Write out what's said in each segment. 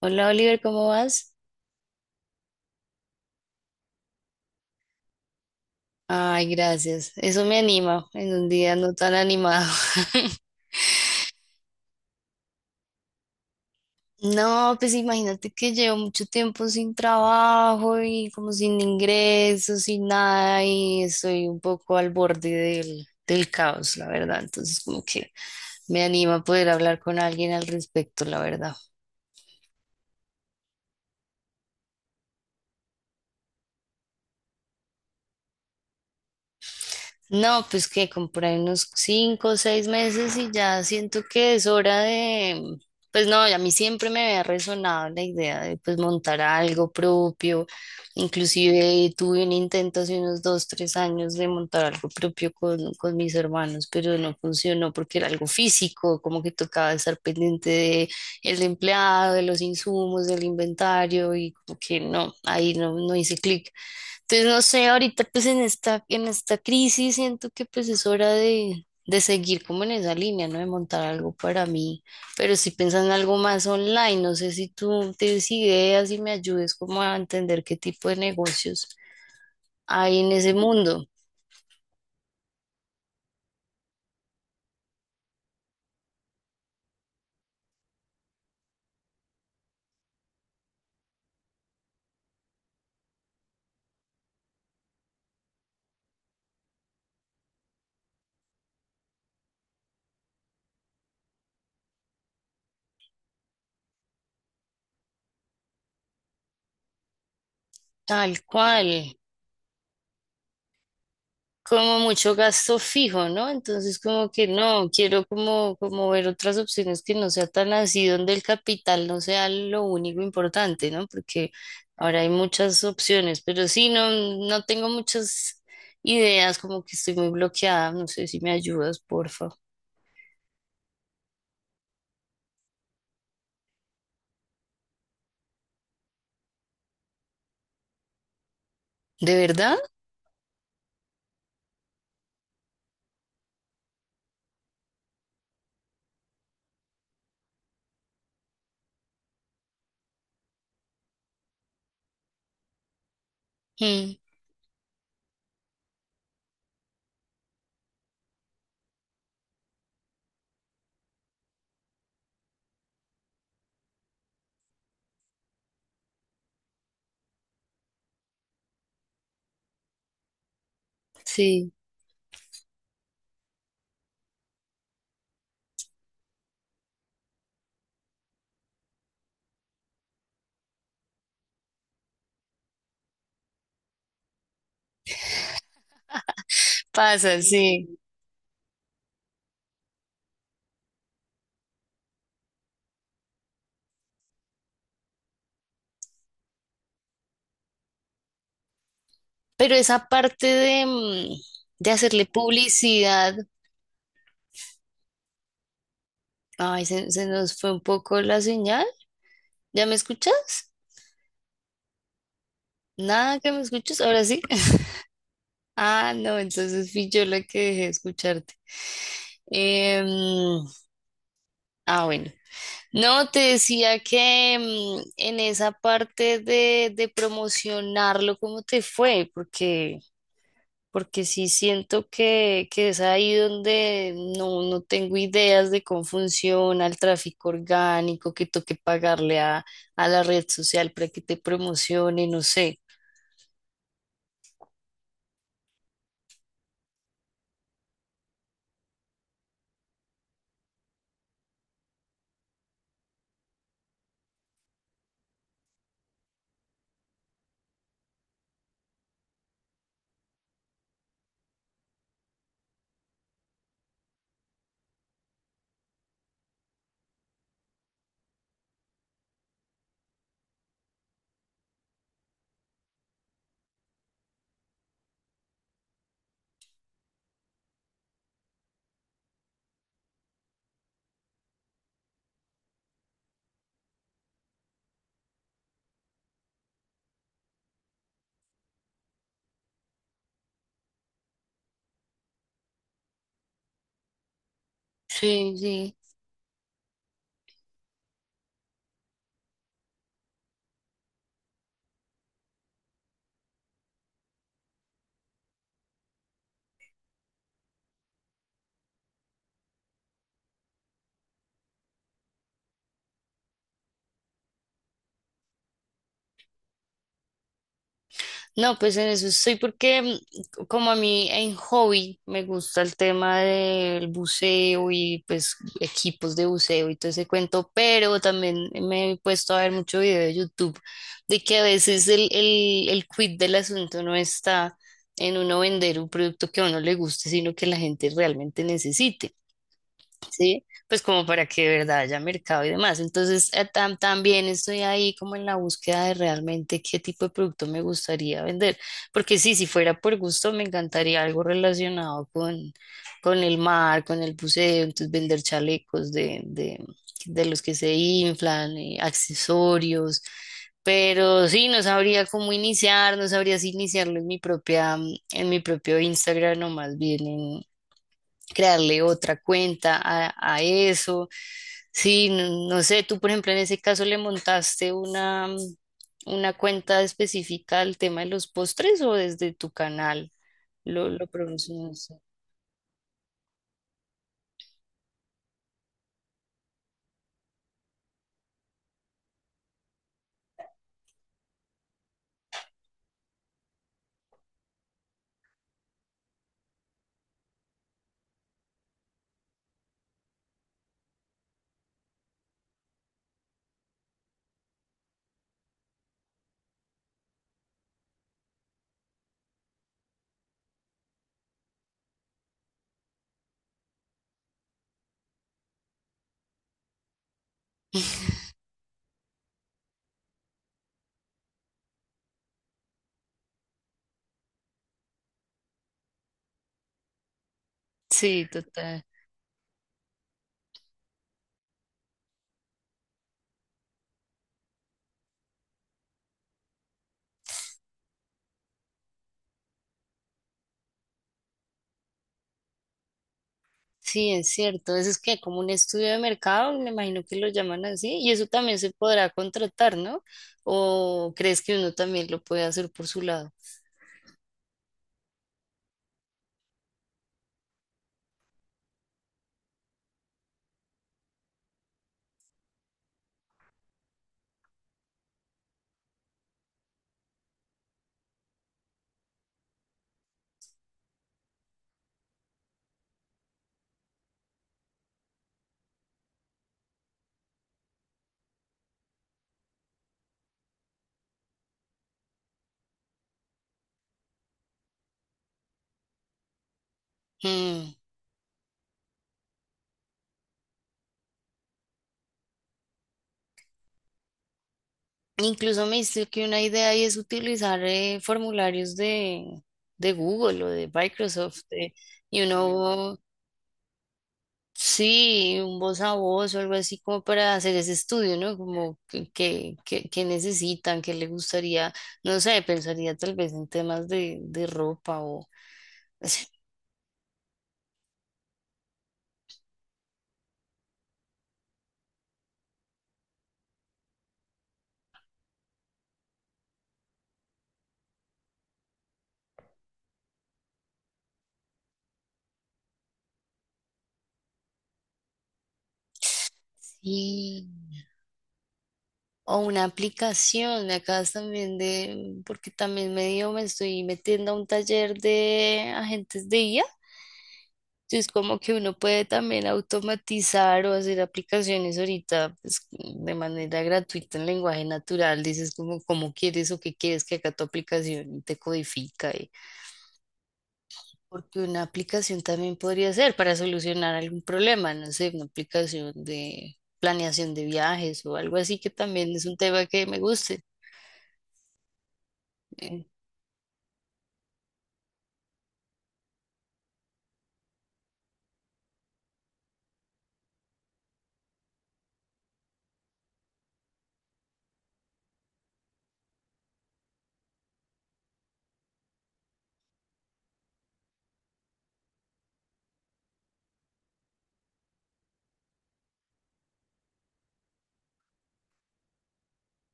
Hola Oliver, ¿cómo vas? Ay, gracias. Eso me anima en un día no tan animado. No, pues imagínate que llevo mucho tiempo sin trabajo y como sin ingresos, sin nada y estoy un poco al borde del caos, la verdad. Entonces como que me anima poder hablar con alguien al respecto, la verdad. No, pues que compré unos cinco o seis meses y ya siento que es hora de, pues no, a mí siempre me había resonado la idea de pues montar algo propio, inclusive tuve un intento hace unos dos, tres años de montar algo propio con mis hermanos, pero no funcionó porque era algo físico, como que tocaba estar pendiente de el empleado, de los insumos, del inventario y como que no, ahí no, no hice clic. Entonces, no sé, ahorita pues en esta crisis siento que pues es hora de seguir como en esa línea, ¿no? De montar algo para mí, pero si piensan en algo más online, no sé si tú tienes ideas y me ayudes como a entender qué tipo de negocios hay en ese mundo, tal cual. Como mucho gasto fijo, ¿no? Entonces como que no, quiero como ver otras opciones que no sea tan así, donde el capital no sea lo único importante, ¿no? Porque ahora hay muchas opciones, pero sí, no, no tengo muchas ideas, como que estoy muy bloqueada, no sé si me ayudas, porfa. ¿De verdad? Mm, sí, pasa, sí. Pero esa parte de hacerle publicidad, ay, se nos fue un poco la señal. ¿Ya me escuchas? Nada que me escuches, ahora sí. Ah, no, entonces fui yo la que dejé de escucharte. Em, ah, bueno. No, te decía que en esa parte de promocionarlo, ¿cómo te fue? Porque sí siento que es ahí donde no, no tengo ideas de cómo funciona el tráfico orgánico, que toque pagarle a la red social para que te promocione, no sé. Sí, sí. No, pues en eso estoy porque como a mí en hobby me gusta el tema del buceo y pues equipos de buceo y todo ese cuento, pero también me he puesto a ver mucho video de YouTube de que a veces el quid del asunto no está en uno vender un producto que a uno le guste, sino que la gente realmente necesite. ¿Sí? Pues como para que de verdad haya mercado y demás. Entonces, también estoy ahí como en la búsqueda de realmente qué tipo de producto me gustaría vender. Porque sí, si fuera por gusto, me encantaría algo relacionado con el mar, con el buceo, entonces vender chalecos de los que se inflan, accesorios. Pero sí, no sabría cómo iniciar, no sabría si iniciarlo en mi propio Instagram o más bien en, crearle otra cuenta a eso. Sí, no, no sé, tú por ejemplo en ese caso le montaste una cuenta específica al tema de los postres o desde tu canal lo promocionaste. Sí, total. Sí, es cierto. Eso es que como un estudio de mercado, me imagino que lo llaman así, y eso también se podrá contratar, ¿no? ¿O crees que uno también lo puede hacer por su lado? Mm. Incluso me dice que una idea ahí es utilizar formularios de Google o de Microsoft y uno, sí, un voz a voz o algo así como para hacer ese estudio, ¿no? Como que necesitan, que le gustaría, no sé, pensaría tal vez en temas de ropa o sí, o una aplicación, me acabas también de, porque también medio me estoy metiendo a un taller de agentes de IA. Sí, es como que uno puede también automatizar o hacer aplicaciones ahorita pues, de manera gratuita en lenguaje natural. Dices como cómo quieres o qué quieres que haga tu aplicación y te codifica. Porque una aplicación también podría ser para solucionar algún problema, no sé, una aplicación de planeación de viajes o algo así que también es un tema que me guste. Eh,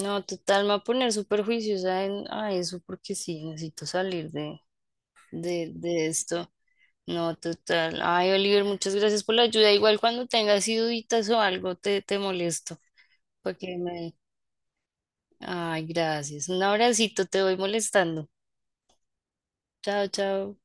No, total, me va a poner súper juiciosa a eso porque sí, necesito salir de, de esto. No, total. Ay, Oliver, muchas gracias por la ayuda. Igual cuando tengas así duditas o algo, te molesto. Porque me... Ay, gracias. Un abracito, te voy molestando. Chao, chao.